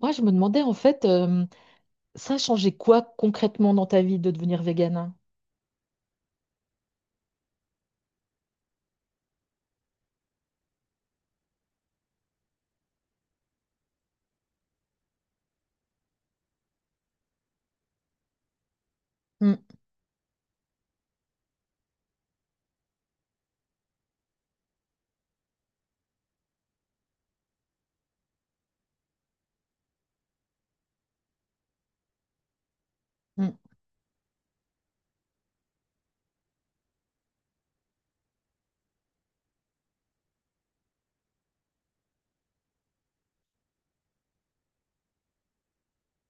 Moi, je me demandais en fait, ça a changé quoi concrètement dans ta vie de devenir végane? Hmm. Hmm.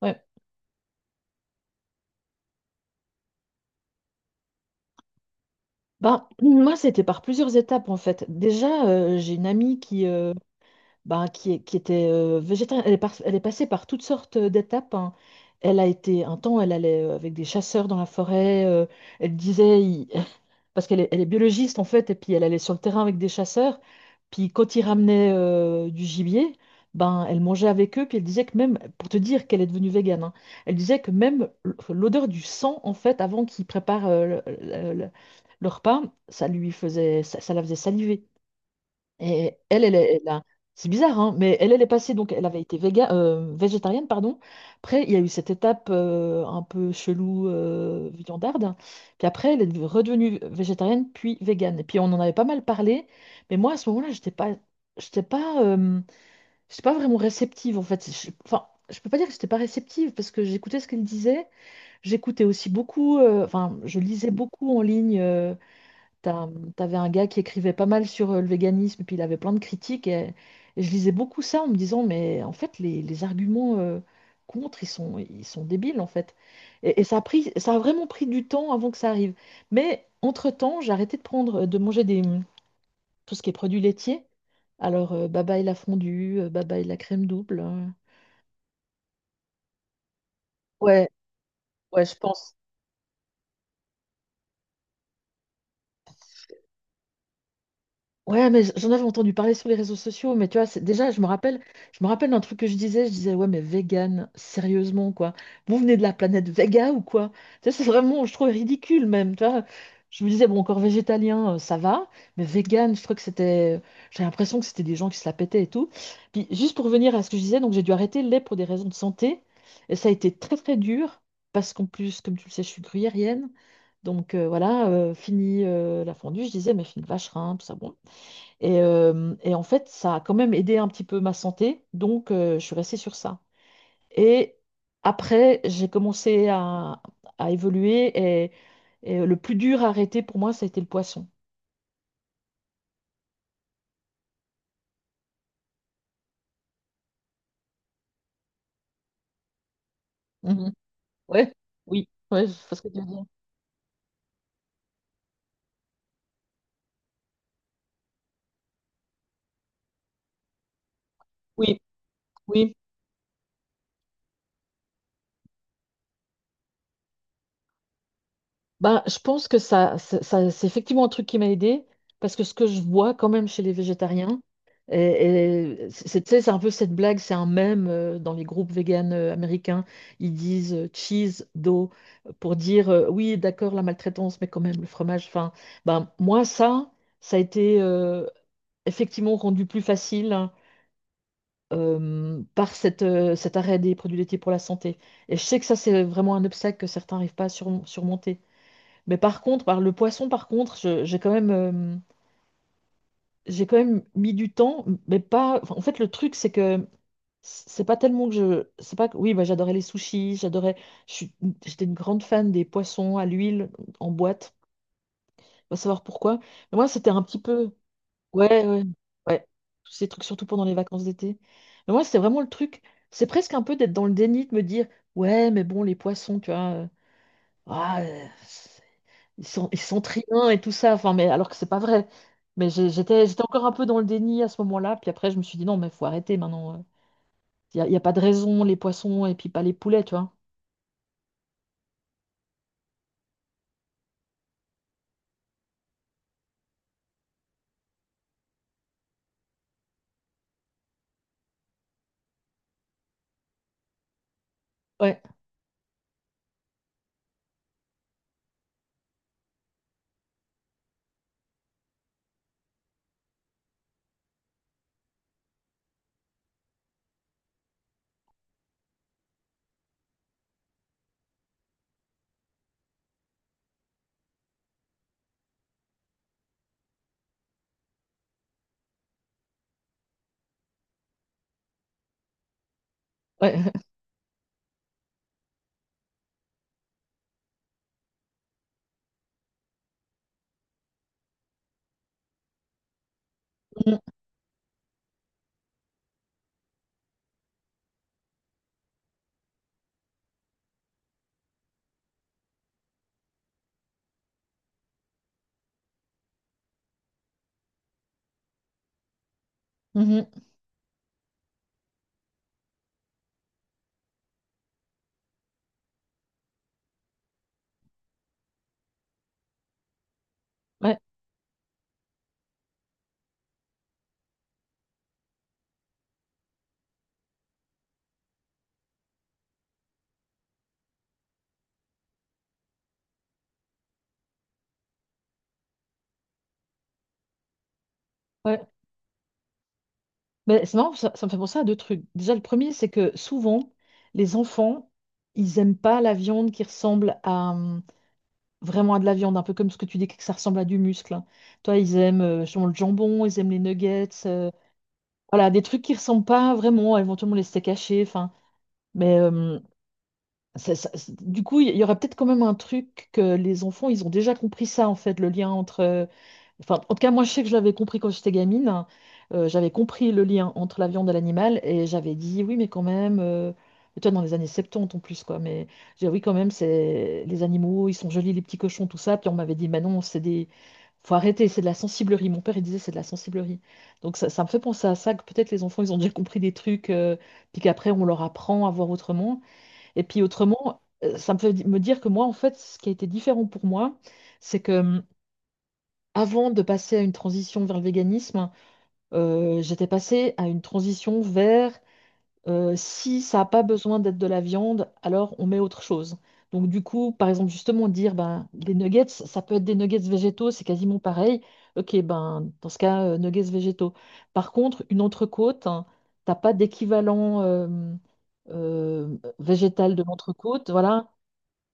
Ouais. Ben, moi, c'était par plusieurs étapes en fait. Déjà, j'ai une amie qui, ben, qui était végétarienne. Elle est, elle est passée par toutes sortes d'étapes, hein. Elle a été un temps, elle allait avec des chasseurs dans la forêt. Elle disait, parce qu'elle est biologiste en fait, et puis elle allait sur le terrain avec des chasseurs, puis quand ils ramenaient du gibier, ben elle mangeait avec eux, puis elle disait que même, pour te dire qu'elle est devenue végane, hein, elle disait que même l'odeur du sang en fait, avant qu'ils préparent le repas, ça la faisait saliver. Et elle, elle, est- elle a- C'est bizarre, hein, mais elle est passée, donc elle avait été végétarienne, pardon. Après, il y a eu cette étape un peu chelou, viandarde. Puis après, elle est redevenue végétarienne, puis végane. Et puis on en avait pas mal parlé, mais moi, à ce moment-là, j'étais pas, euh, j'étais pas vraiment réceptive, en fait. Enfin, je peux pas dire que j'étais pas réceptive, parce que j'écoutais ce qu'elle disait. J'écoutais aussi beaucoup, enfin, je lisais beaucoup en ligne. T'as- T'avais un gars qui écrivait pas mal sur le véganisme, puis il avait plein de critiques. Et je lisais beaucoup ça en me disant, mais en fait, les arguments contre, ils sont débiles, en fait. Et ça a vraiment pris du temps avant que ça arrive. Mais entre-temps, j'ai arrêté de manger tout ce qui est produits laitiers. Alors, bye bye la fondue, bye bye la crème double. Ouais, ouais, je pense. Ouais, mais j'en avais entendu parler sur les réseaux sociaux, mais tu vois, déjà, je me rappelle d'un truc que je disais, ouais, mais vegan, sérieusement, quoi. Vous venez de la planète Vega ou quoi? Tu sais, c'est vraiment, je trouve ridicule même, tu vois. Je me disais, bon, encore végétalien, ça va, mais vegan, je trouve que j'ai l'impression que c'était des gens qui se la pétaient et tout. Puis, juste pour revenir à ce que je disais, donc j'ai dû arrêter le lait pour des raisons de santé, et ça a été très, très dur, parce qu'en plus, comme tu le sais, je suis gruyérienne. Donc voilà, fini la fondue, je disais, mais fini le vacherin, tout ça, bon. Et en fait, ça a quand même aidé un petit peu ma santé, donc je suis restée sur ça. Et après, j'ai commencé à évoluer, et le plus dur à arrêter pour moi, ça a été le poisson. Mhm. Ouais, oui, ouais, je vois ce que tu veux dire. Oui, oui. Ben, je pense que c'est effectivement un truc qui m'a aidé, parce que ce que je vois quand même chez les végétariens, et c'est, tu sais, c'est un peu cette blague, c'est un mème dans les groupes véganes américains. Ils disent cheese, do pour dire oui, d'accord, la maltraitance, mais quand même le fromage. Enfin, ben, moi, ça a été effectivement rendu plus facile, hein, par cet arrêt des produits laitiers pour la santé. Et je sais que ça, c'est vraiment un obstacle que certains n'arrivent pas à surmonter. Mais par contre, par le poisson, par contre, j'ai quand même mis du temps, mais pas. Enfin, en fait, le truc, c'est que c'est pas tellement que je, c'est pas. Que- Oui, bah, j'adorais les sushis, j'adorais. je suis- J'étais une grande fan des poissons à l'huile en boîte. On va savoir pourquoi. Mais moi, c'était un petit peu. Ouais, ouais, ouais. Tous ces trucs, surtout pendant les vacances d'été. Mais moi, c'était vraiment le truc. C'est presque un peu d'être dans le déni, de me dire, ouais, mais bon, les poissons, tu vois. Ah, euh, ils sont triens et tout ça, enfin, mais alors que c'est pas vrai. Mais j'étais encore un peu dans le déni à ce moment-là. Puis après, je me suis dit non, mais faut arrêter maintenant. Il n'y a pas de raison, les poissons et puis pas les poulets, tu vois. Ouais, ouais. Mhm. Mhm. Ouais, ouais. Mais c'est marrant, ça me fait penser à deux trucs. Déjà, le premier, c'est que souvent, les enfants, ils aiment pas la viande qui ressemble à vraiment à de la viande, un peu comme ce que tu dis que ça ressemble à du muscle, hein. Toi, ils aiment justement le jambon, ils aiment les nuggets. Voilà, des trucs qui ressemblent pas vraiment, éventuellement les steaks hachés, enfin, mais du coup, il y aurait peut-être quand même un truc que les enfants, ils ont déjà compris ça en fait, le lien entre, enfin, en tout cas, moi, je sais que je l'avais compris quand j'étais gamine, hein. J'avais compris le lien entre la viande et l'animal et j'avais dit oui, mais quand même. Et toi, dans les années 70 en plus, quoi. Mais j'ai dit oui, quand même, c'est les animaux, ils sont jolis, les petits cochons, tout ça. Puis on m'avait dit, mais non, c'est des. Faut arrêter, c'est de la sensiblerie. Mon père, il disait, c'est de la sensiblerie. Donc ça me fait penser à ça, que peut-être les enfants, ils ont déjà compris des trucs, puis qu'après, on leur apprend à voir autrement. Et puis autrement, ça me fait me dire que moi, en fait, ce qui a été différent pour moi, c'est que. Avant de passer à une transition vers le véganisme, j'étais passée à une transition vers, si ça n'a pas besoin d'être de la viande, alors on met autre chose. Donc du coup, par exemple, justement dire ben les nuggets, ça peut être des nuggets végétaux, c'est quasiment pareil. Ok, ben dans ce cas, nuggets végétaux. Par contre, une entrecôte, hein, t'as pas d'équivalent végétal de l'entrecôte, voilà.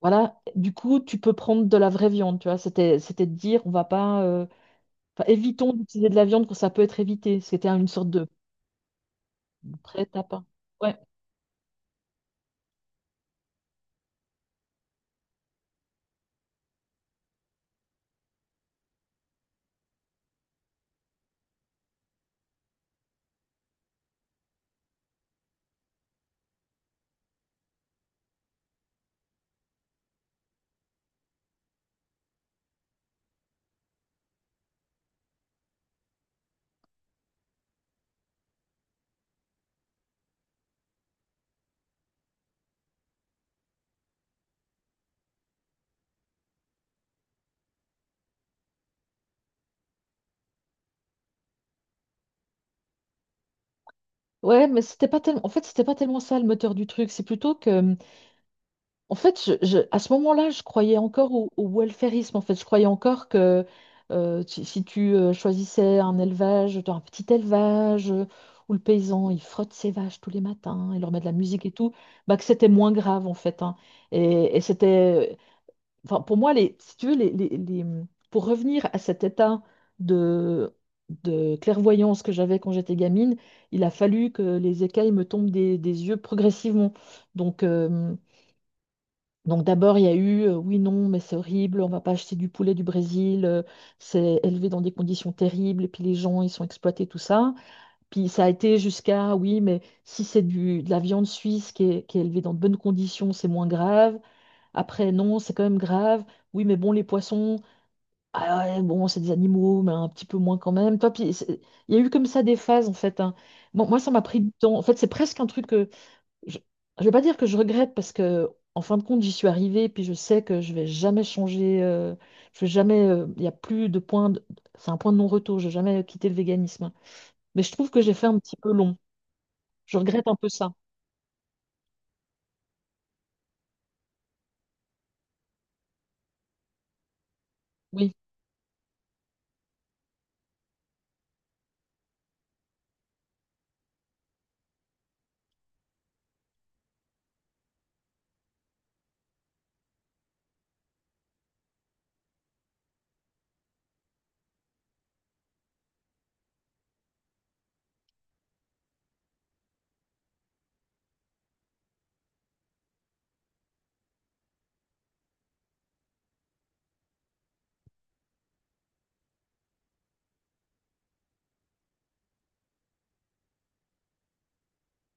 Voilà, du coup, tu peux prendre de la vraie viande, tu vois. C'était de dire, on va pas, enfin, évitons d'utiliser de la viande quand ça peut être évité. C'était une sorte de prêt-à-pain. Ouais. Ouais, mais c'était pas tellement. En fait, c'était pas tellement ça le moteur du truc. C'est plutôt que, en fait, à ce moment-là, je croyais encore au welfarisme. En fait, je croyais encore que si tu choisissais un petit élevage, où le paysan il frotte ses vaches tous les matins, il leur met de la musique et tout, bah que c'était moins grave en fait, hein. Et c'était, enfin, pour moi, si tu veux, pour revenir à cet état de, de clairvoyance que j'avais quand j'étais gamine, il a fallu que les écailles me tombent des yeux progressivement. Donc, euh, donc, d'abord, il y a eu oui, non, mais c'est horrible, on va pas acheter du poulet du Brésil, c'est élevé dans des conditions terribles, et puis les gens, ils sont exploités, tout ça. Puis ça a été jusqu'à oui, mais si c'est de la viande suisse qui est élevée dans de bonnes conditions, c'est moins grave. Après, non, c'est quand même grave. Oui, mais bon, les poissons, ah ouais, bon, c'est des animaux, mais un petit peu moins quand même. Il y a eu comme ça des phases, en fait, hein. Bon, moi, ça m'a pris du temps. En fait, c'est presque un truc que je ne vais pas dire que je regrette, parce que, en fin de compte, j'y suis arrivée, puis je sais que je vais jamais changer. Je vais jamais. Il y a plus de point. C'est un point de non-retour. Je vais jamais quitter le véganisme. Mais je trouve que j'ai fait un petit peu long. Je regrette un peu ça. Oui.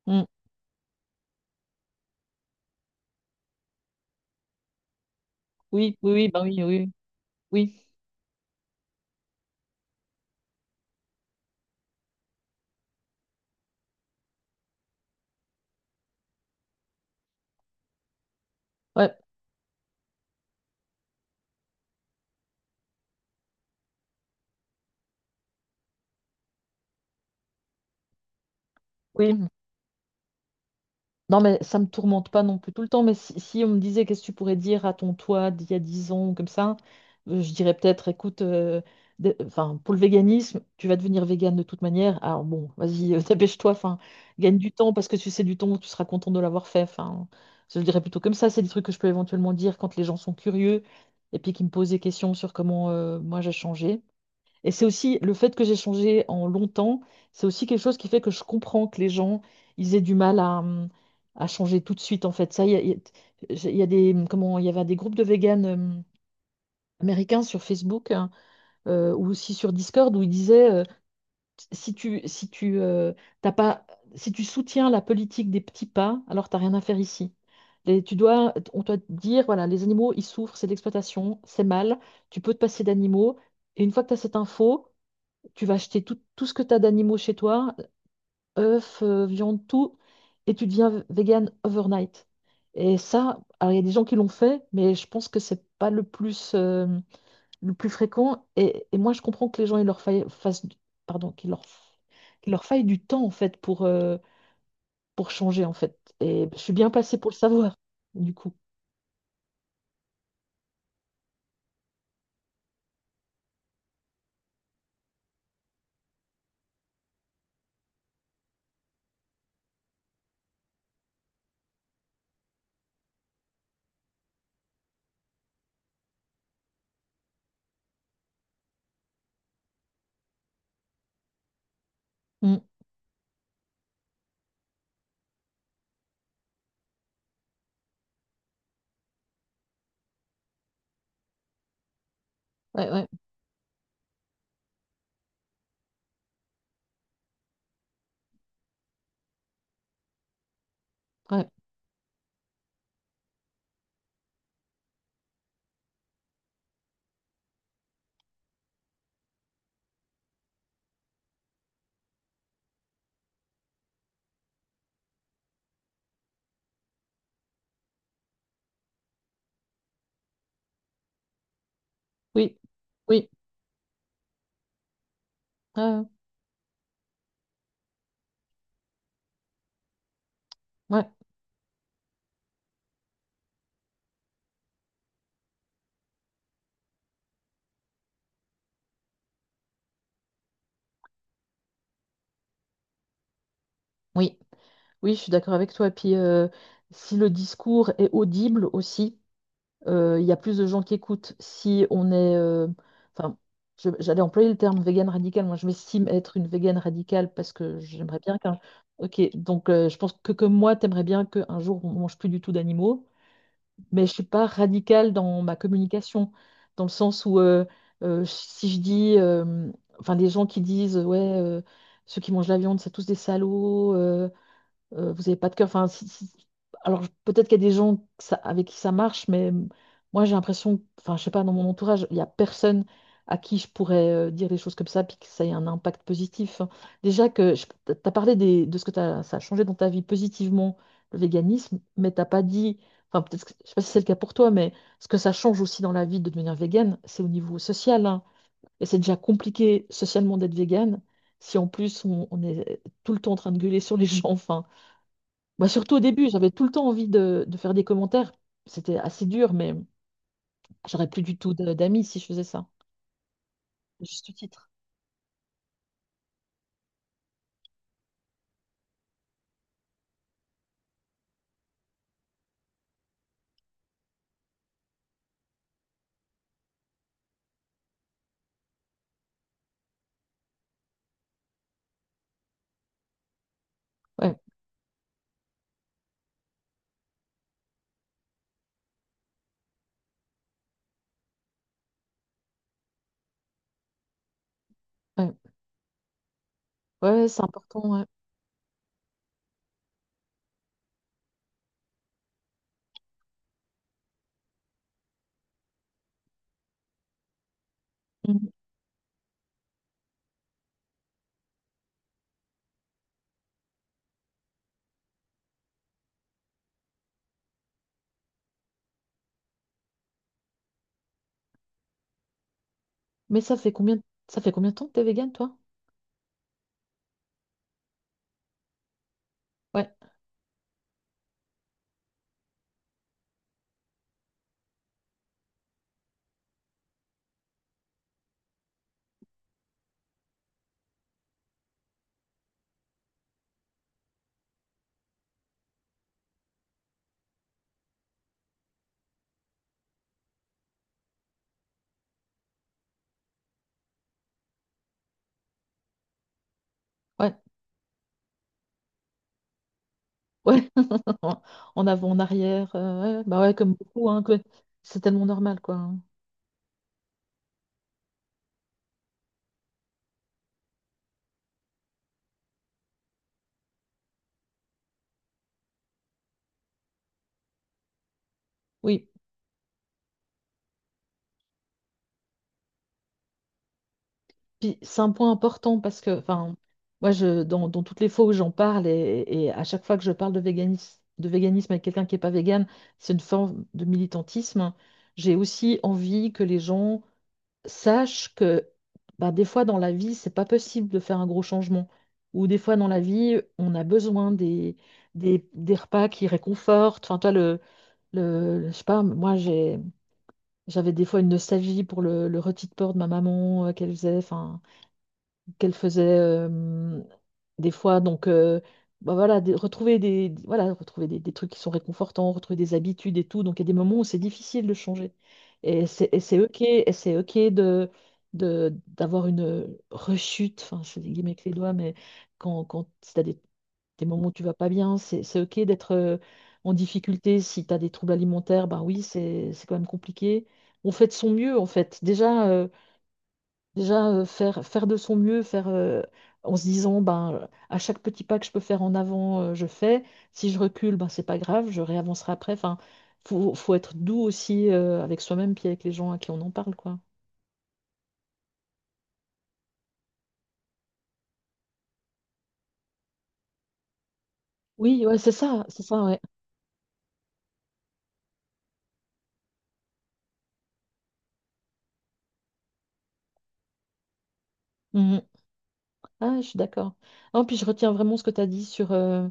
Mm. Oui, oui, oui, bah oui, oui, oui. Ouais. Oui, non, mais ça me tourmente pas non plus tout le temps. Mais si, si on me disait qu'est-ce que tu pourrais dire à ton toi d'il y a 10 ans, ou comme ça, je dirais peut-être, écoute, enfin, pour le véganisme, tu vas devenir végane de toute manière. Alors bon, vas-y, dépêche-toi, enfin, gagne du temps parce que tu sais du temps, tu seras content de l'avoir fait. Enfin, je le dirais plutôt comme ça. C'est des trucs que je peux éventuellement dire quand les gens sont curieux et puis qui me posent des questions sur comment moi j'ai changé. Et c'est aussi le fait que j'ai changé en longtemps, c'est aussi quelque chose qui fait que je comprends que les gens, ils aient du mal à changer tout de suite, en fait. Ça, il y a des, comment, il y avait des groupes de véganes américains sur Facebook, hein, ou aussi sur Discord où ils disaient, si tu, t'as pas, si tu soutiens la politique des petits pas, alors t'as rien à faire ici. Tu dois, on doit te dire, voilà, les animaux, ils souffrent, c'est de l'exploitation, c'est mal, tu peux te passer d'animaux. Et une fois que tu as cette info, tu vas acheter tout, tout ce que tu as d'animaux chez toi, œufs, viande, tout, et tu deviens vegan overnight. Et ça, alors il y a des gens qui l'ont fait, mais je pense que c'est pas le plus, le plus fréquent. Et moi, je comprends que les gens, il leur faille, fassent, du- pardon, qu'il leur faille du temps, en fait, pour changer, en fait. Et je suis bien placée pour le savoir, du coup. Mm. Ouais, ouais, ouais. Oui, oui, ouais, ouais, ouais, oui. Oui, je suis d'accord avec toi. Puis si le discours est audible aussi, il y a plus de gens qui écoutent. Si on est, enfin, j'allais employer le terme végane radicale. Moi, je m'estime être une végane radicale parce que j'aimerais bien qu'un. Ok, donc je pense que comme moi, t'aimerais bien qu'un jour on mange plus du tout d'animaux, mais je suis pas radicale dans ma communication, dans le sens où si je dis, enfin, les gens qui disent, ouais, ceux qui mangent la viande, c'est tous des salauds, vous n'avez pas de cœur. Enfin, alors peut-être qu'il y a des gens que avec qui ça marche, mais moi j'ai l'impression, enfin je sais pas, dans mon entourage, il n'y a personne à qui je pourrais, dire des choses comme ça, puis que ça ait un impact positif. Déjà que tu as parlé de ce que ça a changé dans ta vie positivement, le véganisme, mais t'as pas dit, enfin peut-être, je sais pas si c'est le cas pour toi, mais ce que ça change aussi dans la vie de devenir végane, c'est au niveau social, hein. Et c'est déjà compliqué socialement d'être végane. Si en plus on est tout le temps en train de gueuler sur les gens, enfin, bah, surtout au début, j'avais tout le temps envie de faire des commentaires. C'était assez dur, mais j'aurais plus du tout d'amis si je faisais ça. Juste titre. Ouais, ouais, ouais, c'est important, ouais. Mhm. Mais ça fait combien, ça fait combien de temps que t'es végane, toi? Ouais, ouais, ouais. En avant, en arrière, ouais. Bah ouais, comme beaucoup, hein, c'est tellement normal, quoi, hein. Oui. Puis c'est un point important parce que, enfin, moi, dans toutes les fois où j'en parle et à chaque fois que je parle de véganisme avec quelqu'un qui n'est pas végane, c'est une forme de militantisme. J'ai aussi envie que les gens sachent que bah, des fois dans la vie, c'est pas possible de faire un gros changement. Ou des fois dans la vie, on a besoin des repas qui réconfortent. Enfin, toi, le, je sais pas, j'avais des fois une nostalgie pour le rôti de porc de ma maman qu'elle faisait. Enfin, qu'elle faisait des fois. Donc, bah voilà, retrouver des, voilà, retrouver des trucs qui sont réconfortants, retrouver des habitudes et tout. Donc, il y a des moments où c'est difficile de changer. Et c'est OK de, d'avoir une rechute, enfin, je fais des guillemets avec les doigts, mais quand si tu as des moments où tu vas pas bien, c'est OK d'être en difficulté. Si tu as des troubles alimentaires, bah oui, c'est quand même compliqué. On fait de son mieux, en fait. Déjà, déjà, faire de son mieux, faire, en se disant, ben, à chaque petit pas que je peux faire en avant, je fais. Si je recule, ben, c'est pas grave, je réavancerai après. Enfin, faut être doux aussi, avec soi-même puis avec les gens à qui on en parle, quoi. Oui, ouais, c'est ça, ouais. Ah, je suis d'accord. Non, puis je retiens vraiment ce que tu as dit sur,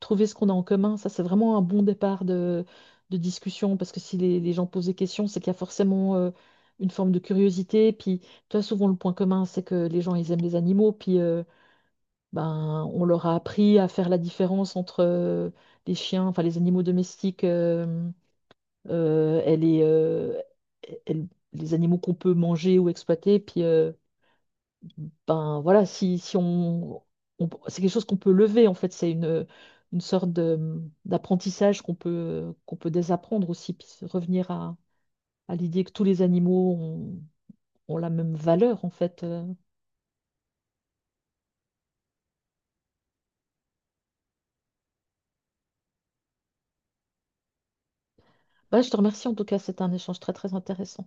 trouver ce qu'on a en commun. Ça, c'est vraiment un bon départ de discussion parce que si les gens posent des questions, c'est qu'il y a forcément une forme de curiosité. Puis, tu as souvent le point commun, c'est que les gens, ils aiment les animaux. Puis, ben, on leur a appris à faire la différence entre les chiens, enfin les animaux domestiques, et et les animaux qu'on peut manger ou exploiter. Puis, ben voilà, si on, c'est quelque chose qu'on peut lever en fait, c'est une sorte de, d'apprentissage qu'on peut désapprendre aussi, puis se revenir à l'idée que tous les animaux ont la même valeur en fait. Voilà, je te remercie en tout cas, c'était un échange très très intéressant.